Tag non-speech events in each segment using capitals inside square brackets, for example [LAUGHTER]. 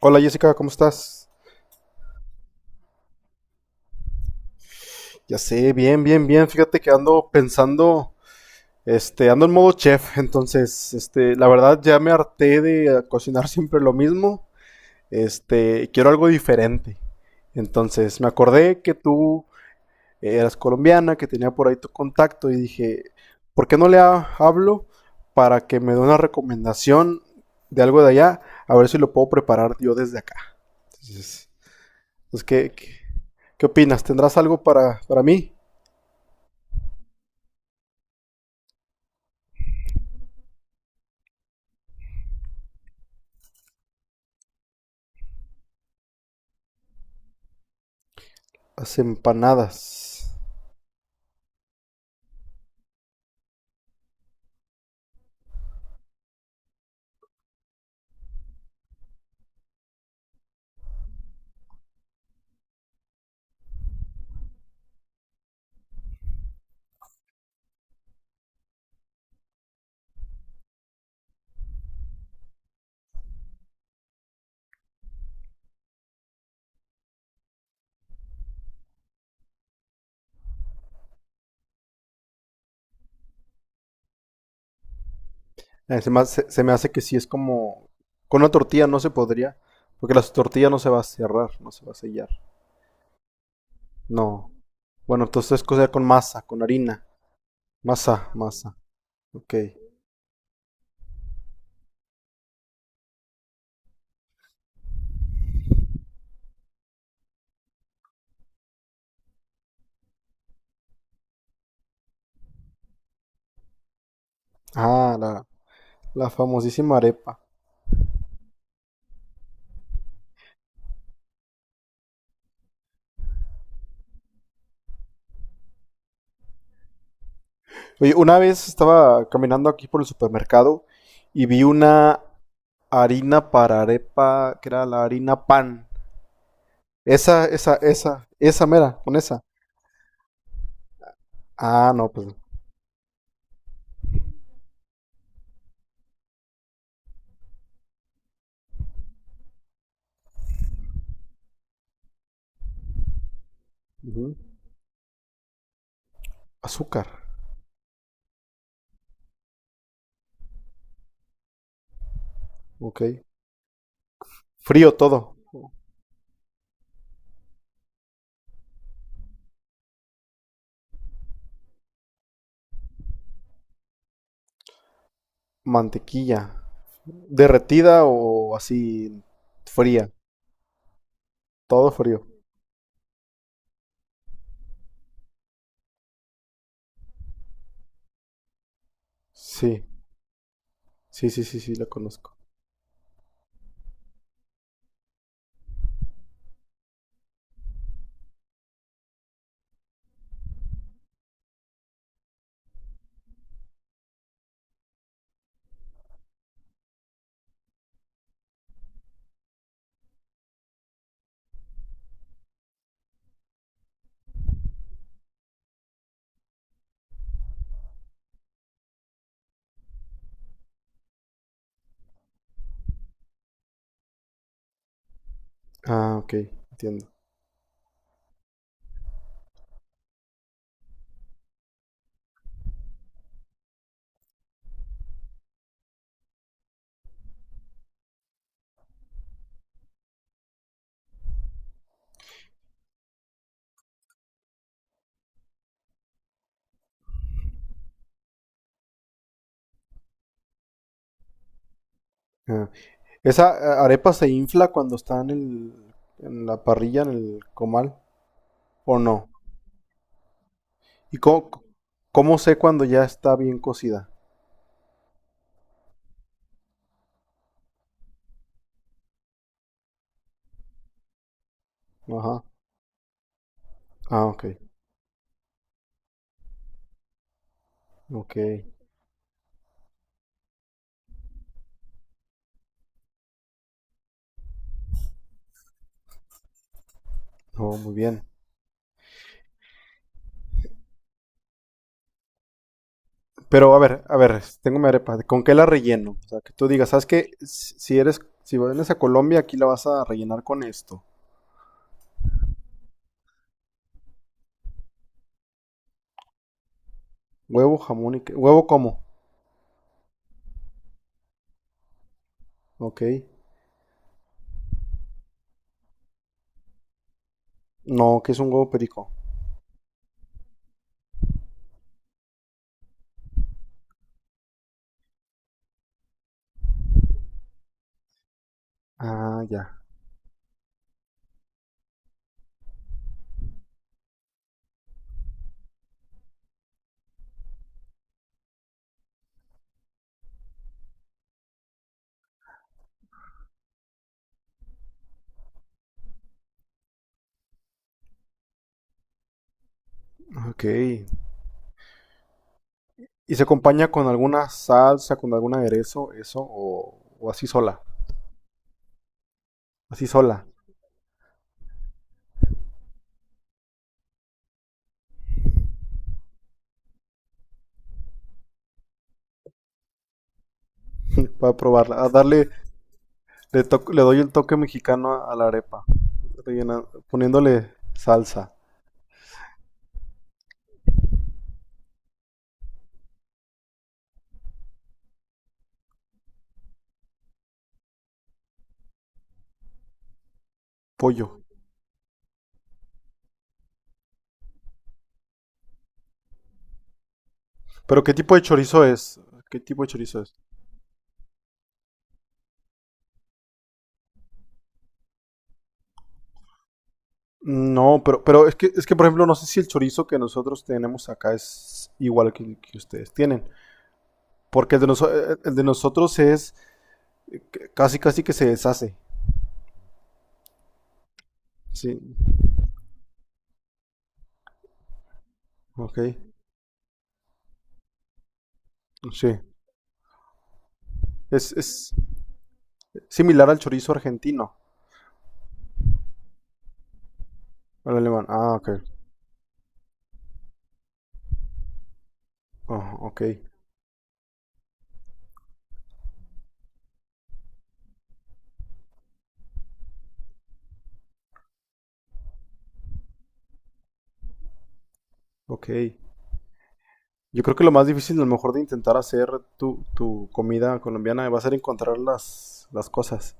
Hola Jessica, ¿cómo estás? Ya sé, bien, bien, bien. Fíjate que ando pensando, ando en modo chef. Entonces, la verdad ya me harté de cocinar [LAUGHS] siempre lo mismo. Quiero algo diferente. Entonces, me acordé que tú eras colombiana, que tenía por ahí tu contacto y dije, ¿por qué no le ha- ¿hablo para que me dé una recomendación de algo de allá? A ver si lo puedo preparar yo desde acá. Entonces, pues, ¿qué opinas? ¿Tendrás algo para mí? Las empanadas. Se me hace que sí es como... Con una tortilla no se podría, porque la tortilla no se va a cerrar, no se va a sellar. No. Bueno, entonces cocer con masa, con harina. Masa, masa. Ok. Ah, la famosísima arepa. Oye, una vez estaba caminando aquí por el supermercado y vi una harina para arepa, que era la harina pan. Esa mera, con esa. Ah, no, pues. Ujú. Azúcar. Ok. Frío todo. Mantequilla. Derretida o así fría. Todo frío. Sí, sí, sí, sí, sí, la conozco. Ah, ok, entiendo. Ah, ¿esa arepa se infla cuando está en la parrilla, en el comal, o no? ¿Y cómo sé cuando ya está bien cocida? Ajá. Ah, ok, ok. Oh, muy bien. Pero a ver, tengo mi arepa. ¿Con qué la relleno? O sea, que tú digas, ¿sabes qué? Si vienes a Colombia, aquí la vas a rellenar con esto. Huevo, jamón y... ¿huevo cómo? Ok. No, que es un huevo perico? Ah, ya. Ok. ¿Y se acompaña con alguna salsa, con algún aderezo, eso? O así sola? Así sola, para probarla. A darle, le doy el toque mexicano a la arepa, rellena- poniéndole salsa, pollo. ¿Pero qué tipo de chorizo es? ¿Qué tipo de chorizo es? No, pero es que, por ejemplo, no sé si el chorizo que nosotros tenemos acá es igual que ustedes tienen. Porque el de, el de nosotros es casi, casi que se deshace. Sí, ok. Sí. Es similar al chorizo argentino, al alemán. Ah, ok. Ah, ok, ok. Yo creo que lo más difícil, a lo mejor, de intentar hacer tu comida colombiana va a ser encontrar las cosas.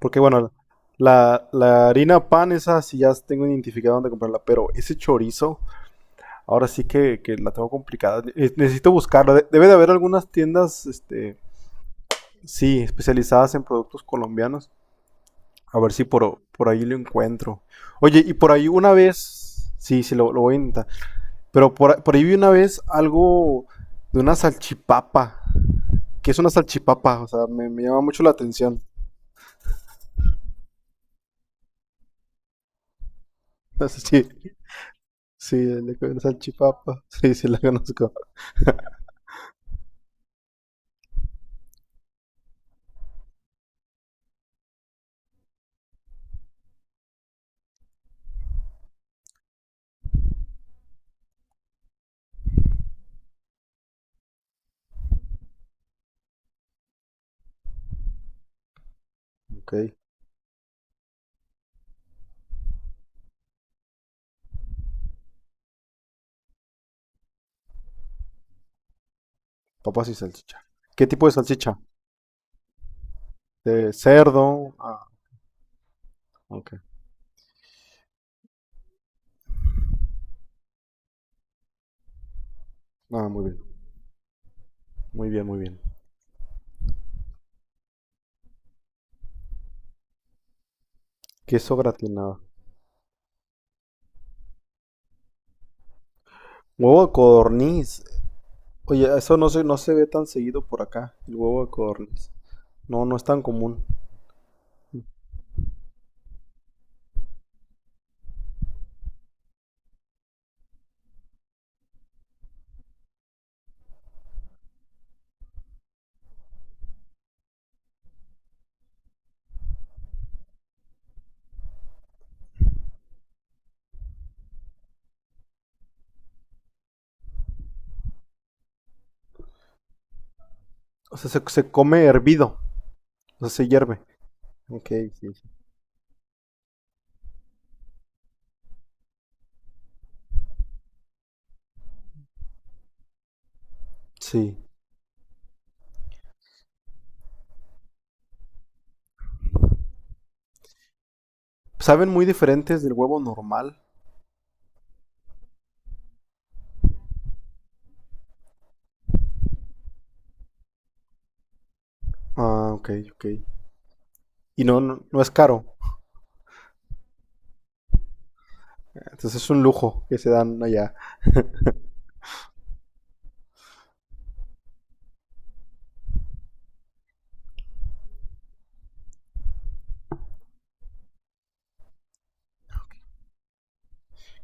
Porque bueno, la harina pan, esa sí ya tengo identificado dónde comprarla, pero ese chorizo, ahora sí que la tengo complicada. Necesito buscarla. Debe de haber algunas tiendas, este, sí, especializadas en productos colombianos. A ver si por, por ahí lo encuentro. Oye, y por ahí una vez, sí, sí, lo voy a intentar. Pero por ahí vi una vez algo de una salchipapa. ¿Qué es una salchipapa? O sea, me llama mucho la atención. [LAUGHS] No si, sí, le comen salchipapa. [LAUGHS] Sí, sí, la conozco. Ok. Papas y salchicha. ¿Qué tipo de salchicha? De cerdo. Ah, ok. Ah, muy bien. Muy bien, muy bien. Queso gratinado. Huevo de codorniz. Oye, eso no se ve tan seguido por acá, el huevo de codorniz. No, no es tan común. O sea, se come hervido. O sea, se hierve. Ok, sí. Sí. Sí. Saben muy diferentes del huevo normal. Ah, ok, ok. Y no, no, no es caro. Entonces es un lujo que se dan allá.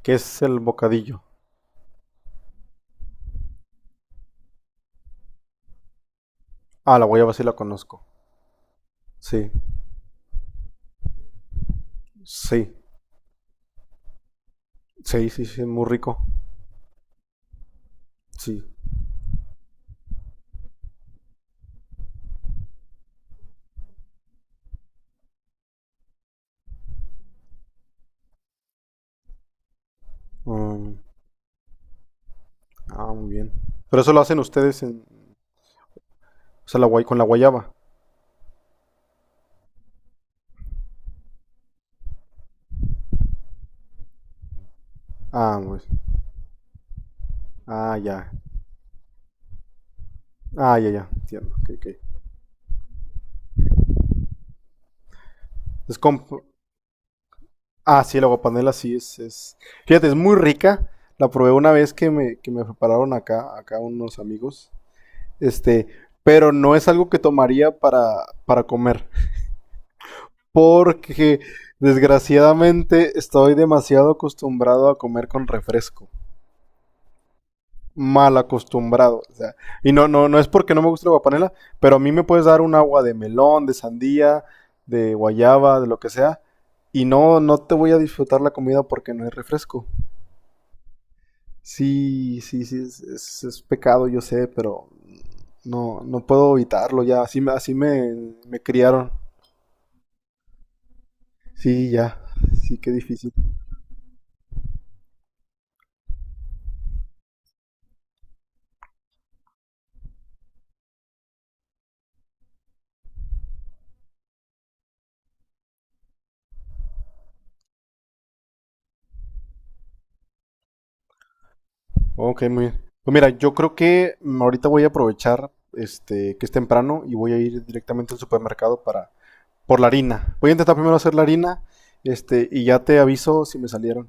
¿Qué es el bocadillo? Ah, la guayaba sí la conozco. Sí, sí, sí, sí, sí, muy rico. Sí. Mm, ah, muy bien. Pero eso lo hacen ustedes en, o sea, la guay, con la guayaba. Ah, pues. Ah, ya. Ah, ya, ya. Entiendo. Ok, ok. Es con... Ah, sí, la guapanela sí es... Fíjate, es muy rica. La probé una vez que me prepararon acá, acá unos amigos. Este, pero no es algo que tomaría para comer. Porque desgraciadamente estoy demasiado acostumbrado a comer con refresco. Mal acostumbrado. O sea, y no, no, no es porque no me guste la guapanela, pero a mí me puedes dar un agua de melón, de sandía, de guayaba, de lo que sea. Y no, no te voy a disfrutar la comida porque no hay refresco. Sí, sí, sí, es pecado, yo sé, pero no, no puedo evitarlo ya. Así, así me criaron. Sí, ya. Sí, qué difícil. Ok, muy bien. Pues mira, yo creo que mm, ahorita voy a aprovechar este que es temprano y voy a ir directamente al supermercado para por la harina. Voy a intentar primero hacer la harina, este, y ya te aviso si me salieron.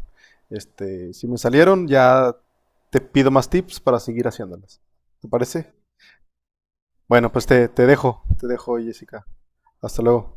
Este, si me salieron, ya te pido más tips para seguir haciéndolas. ¿Te parece? Bueno, pues te, te dejo, Jessica. Hasta luego.